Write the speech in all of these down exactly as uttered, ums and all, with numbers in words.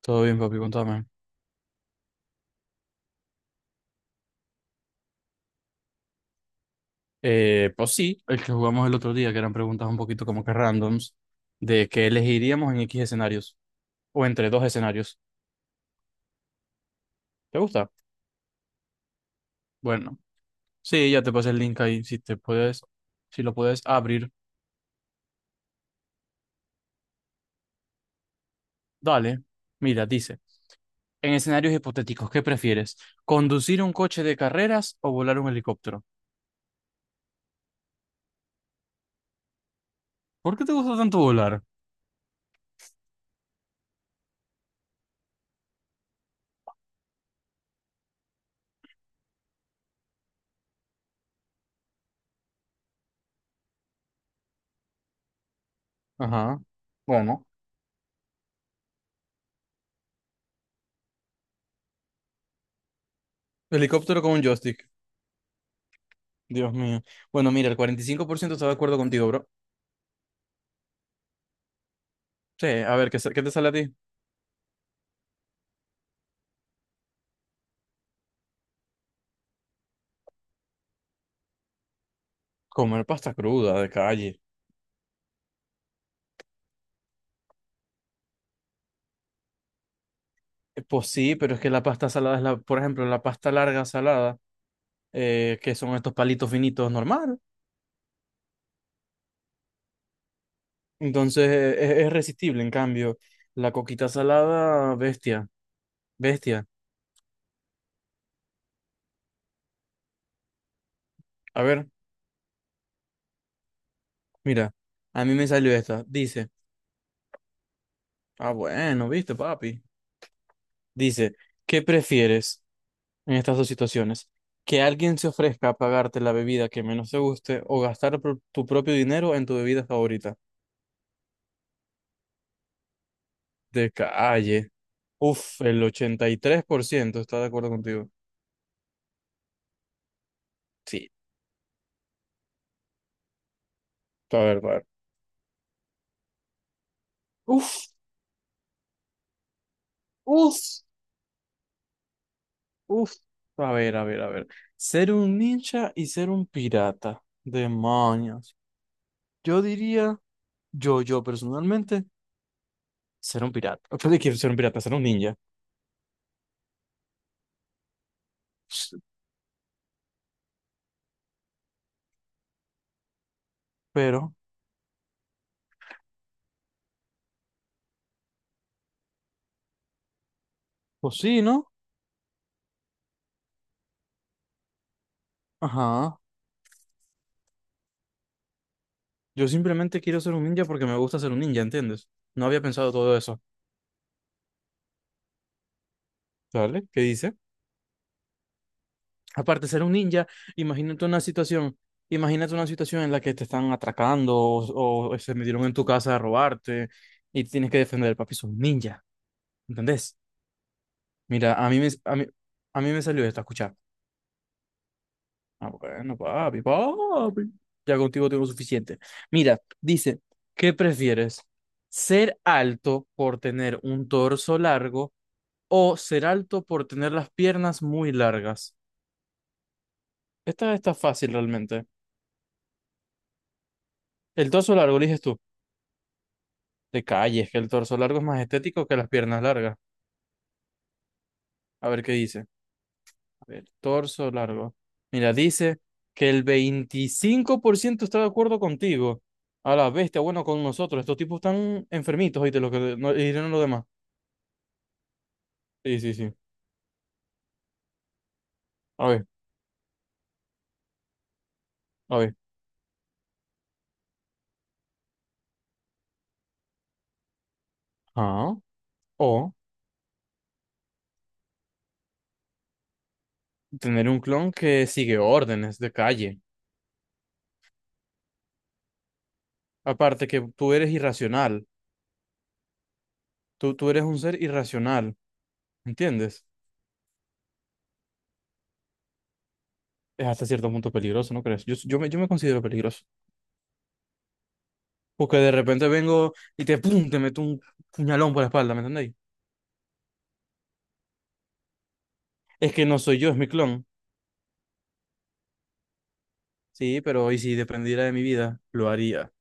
Todo bien, papi, contame. Eh, pues sí, el que jugamos el otro día, que eran preguntas un poquito como que randoms, de que elegiríamos en X escenarios, o entre dos escenarios. ¿Te gusta? Bueno, sí, ya te pasé el link ahí, si te puedes, si lo puedes abrir. Dale, mira, dice, en escenarios hipotéticos, ¿qué prefieres? ¿Conducir un coche de carreras o volar un helicóptero? ¿Por qué te gusta tanto volar? Ajá, bueno. Helicóptero con un joystick. Dios mío. Bueno, mira, el cuarenta y cinco por ciento está de acuerdo contigo, bro. Sí, a ver, ¿qué, sa- qué te sale a ti? Comer pasta cruda de calle. Eh, Pues sí, pero es que la pasta salada es la, por ejemplo, la pasta larga salada, eh, que son estos palitos finitos normal. Entonces eh, es, es resistible, en cambio, la coquita salada, bestia, bestia. A ver, mira, a mí me salió esta. Dice, ah, bueno, viste, papi. Dice, ¿qué prefieres en estas dos situaciones? ¿Que alguien se ofrezca a pagarte la bebida que menos te guste o gastar pro- tu propio dinero en tu bebida favorita? De calle. Uf, el ochenta y tres por ciento está de acuerdo contigo. Sí, a ver, a ver. Uf, uf, uf. A ver, a ver, a ver. Ser un ninja y ser un pirata. Demonios. Yo diría, yo, yo personalmente, ser un pirata. ¿Qué le quiero ser un pirata? Ser un ninja. Ps, Pero, pues sí, ¿no? Ajá. Yo simplemente quiero ser un ninja porque me gusta ser un ninja, ¿entiendes? No había pensado todo eso. ¿Sale? ¿Qué dice? Aparte de ser un ninja, imagínate una situación, imagínate una situación en la que te están atracando o, o se metieron en tu casa a robarte y tienes que defender, papi, sos un ninja, ¿entendés? Mira, a mí me, a mí, a mí me salió esta, escuchar. Ah, bueno, papi, papi, ya contigo tengo suficiente. Mira, dice, ¿qué prefieres? ¿Ser alto por tener un torso largo o ser alto por tener las piernas muy largas? Esta está fácil realmente. El torso largo, eliges tú. De calle, es que el torso largo es más estético que las piernas largas. A ver qué dice. A ver, torso largo. Mira, dice que el veinticinco por ciento está de acuerdo contigo. A la bestia, bueno, con nosotros. Estos tipos están enfermitos, oíste, lo que no, y no lo demás. Sí, sí, sí. A ver, a ver. Ah, o tener un clon que sigue órdenes de calle. Aparte que tú eres irracional. Tú, tú eres un ser irracional, ¿entiendes? Es hasta cierto punto peligroso, ¿no crees? Yo, yo me, yo me considero peligroso. Porque de repente vengo y te, pum, te meto un puñalón por la espalda, ¿me entendéis? Es que no soy yo, es mi clon. Sí, pero y si dependiera de mi vida, lo haría.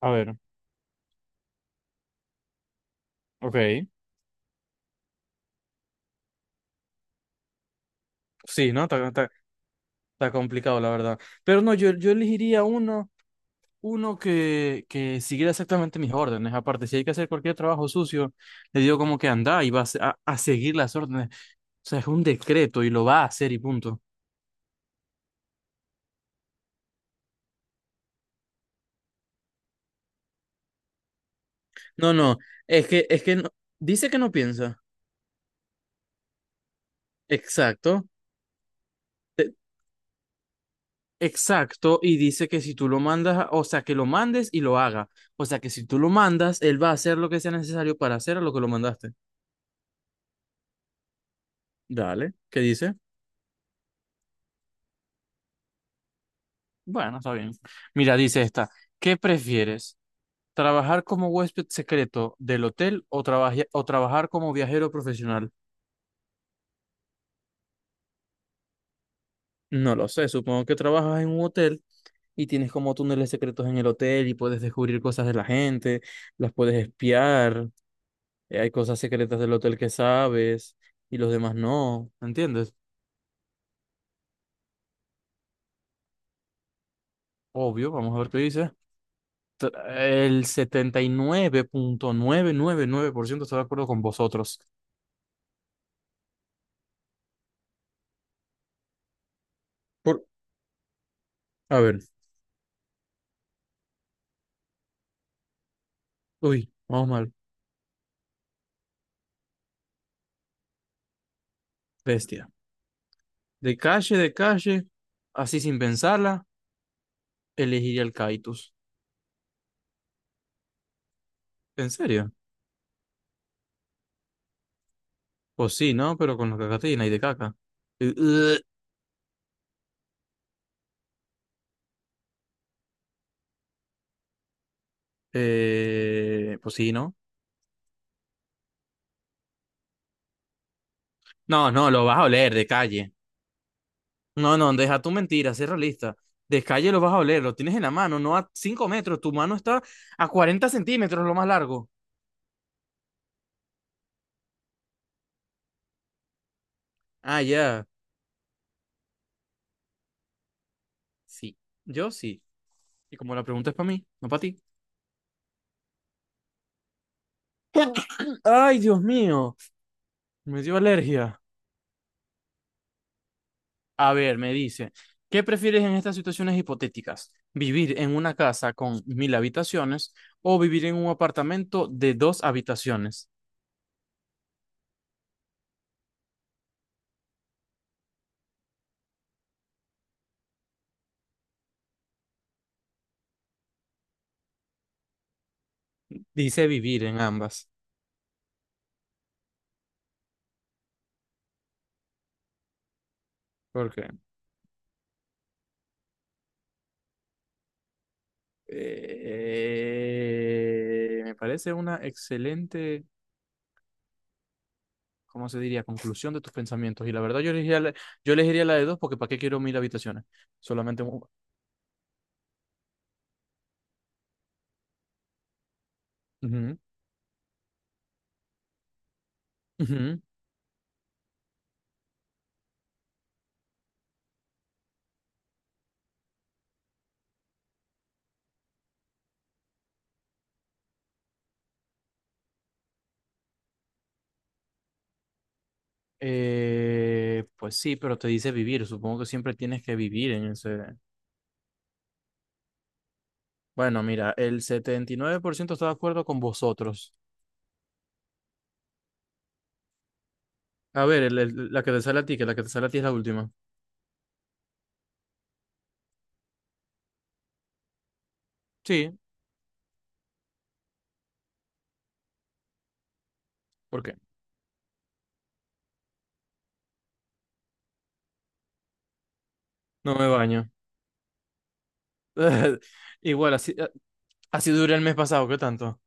A ver, ok. Sí, ¿no? Está, está- está complicado, la verdad. Pero no, yo, yo elegiría uno, uno que, que siguiera exactamente mis órdenes. Aparte, si hay que hacer cualquier trabajo sucio, le digo como que anda y va a, se- a a seguir las órdenes. O sea, es un decreto y lo va a hacer y punto. No, no, es que, es que no- dice que no piensa. Exacto. Exacto, y dice que si tú lo mandas, a- o sea, que lo mandes y lo haga. O sea, que si tú lo mandas, él va a hacer lo que sea necesario para hacer a lo que lo mandaste. Dale, ¿qué dice? Bueno, está bien. Mira, dice esta, ¿qué prefieres? ¿Trabajar como huésped secreto del hotel o, trabaje- o trabajar como viajero profesional? No lo sé, supongo que trabajas en un hotel y tienes como túneles secretos en el hotel y puedes descubrir cosas de la gente, las puedes espiar, eh, hay cosas secretas del hotel que sabes y los demás no, ¿entiendes? Obvio, vamos a ver qué dice. Tr- El setenta y nueve punto novecientos noventa y nueve por ciento está de acuerdo con vosotros. Por, a ver, uy, vamos mal, bestia. De calle, de calle, así sin pensarla, elegiría el Kaitus. ¿En serio? Pues sí, ¿no? Pero con la cacatina y de caca. Eh, eh, eh, pues sí, ¿no? No, no, lo vas a oler de calle. No, no, deja tu mentira, sé realista. De calle lo vas a oler, lo tienes en la mano, no a cinco metros, tu mano está a cuarenta centímetros, lo más largo. Ah, ya. Sí, yo sí. Y como la pregunta es para mí, no para ti. Ay, Dios mío, me dio alergia. A ver, me dice, ¿qué prefieres en estas situaciones hipotéticas? ¿Vivir en una casa con mil habitaciones o vivir en un apartamento de dos habitaciones? Dice vivir en ambas. ¿Por qué? Eh, me parece una excelente, ¿cómo se diría? Conclusión de tus pensamientos. Y la verdad, yo elegiría la, yo elegiría la de dos porque ¿para qué quiero mil habitaciones? Solamente... un- Ujú, ujú. Eh, pues sí, pero te dice vivir. Supongo que siempre tienes que vivir en ese... Bueno, mira, el setenta y nueve por ciento está de acuerdo con vosotros. A ver, el- el- la que te sale a ti, que la que te sale a ti es la última. Sí, ¿por qué? No me baño. Igual, así, así duré el mes pasado, ¿qué tanto?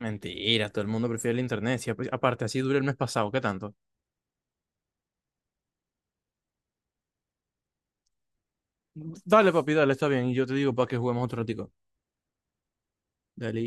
Mentira, todo el mundo prefiere el internet. Sí, pues, aparte, así dura el mes pasado, ¿qué tanto? Dale, papi, dale, está bien. Y yo te digo para que juguemos otro ratico. Dale.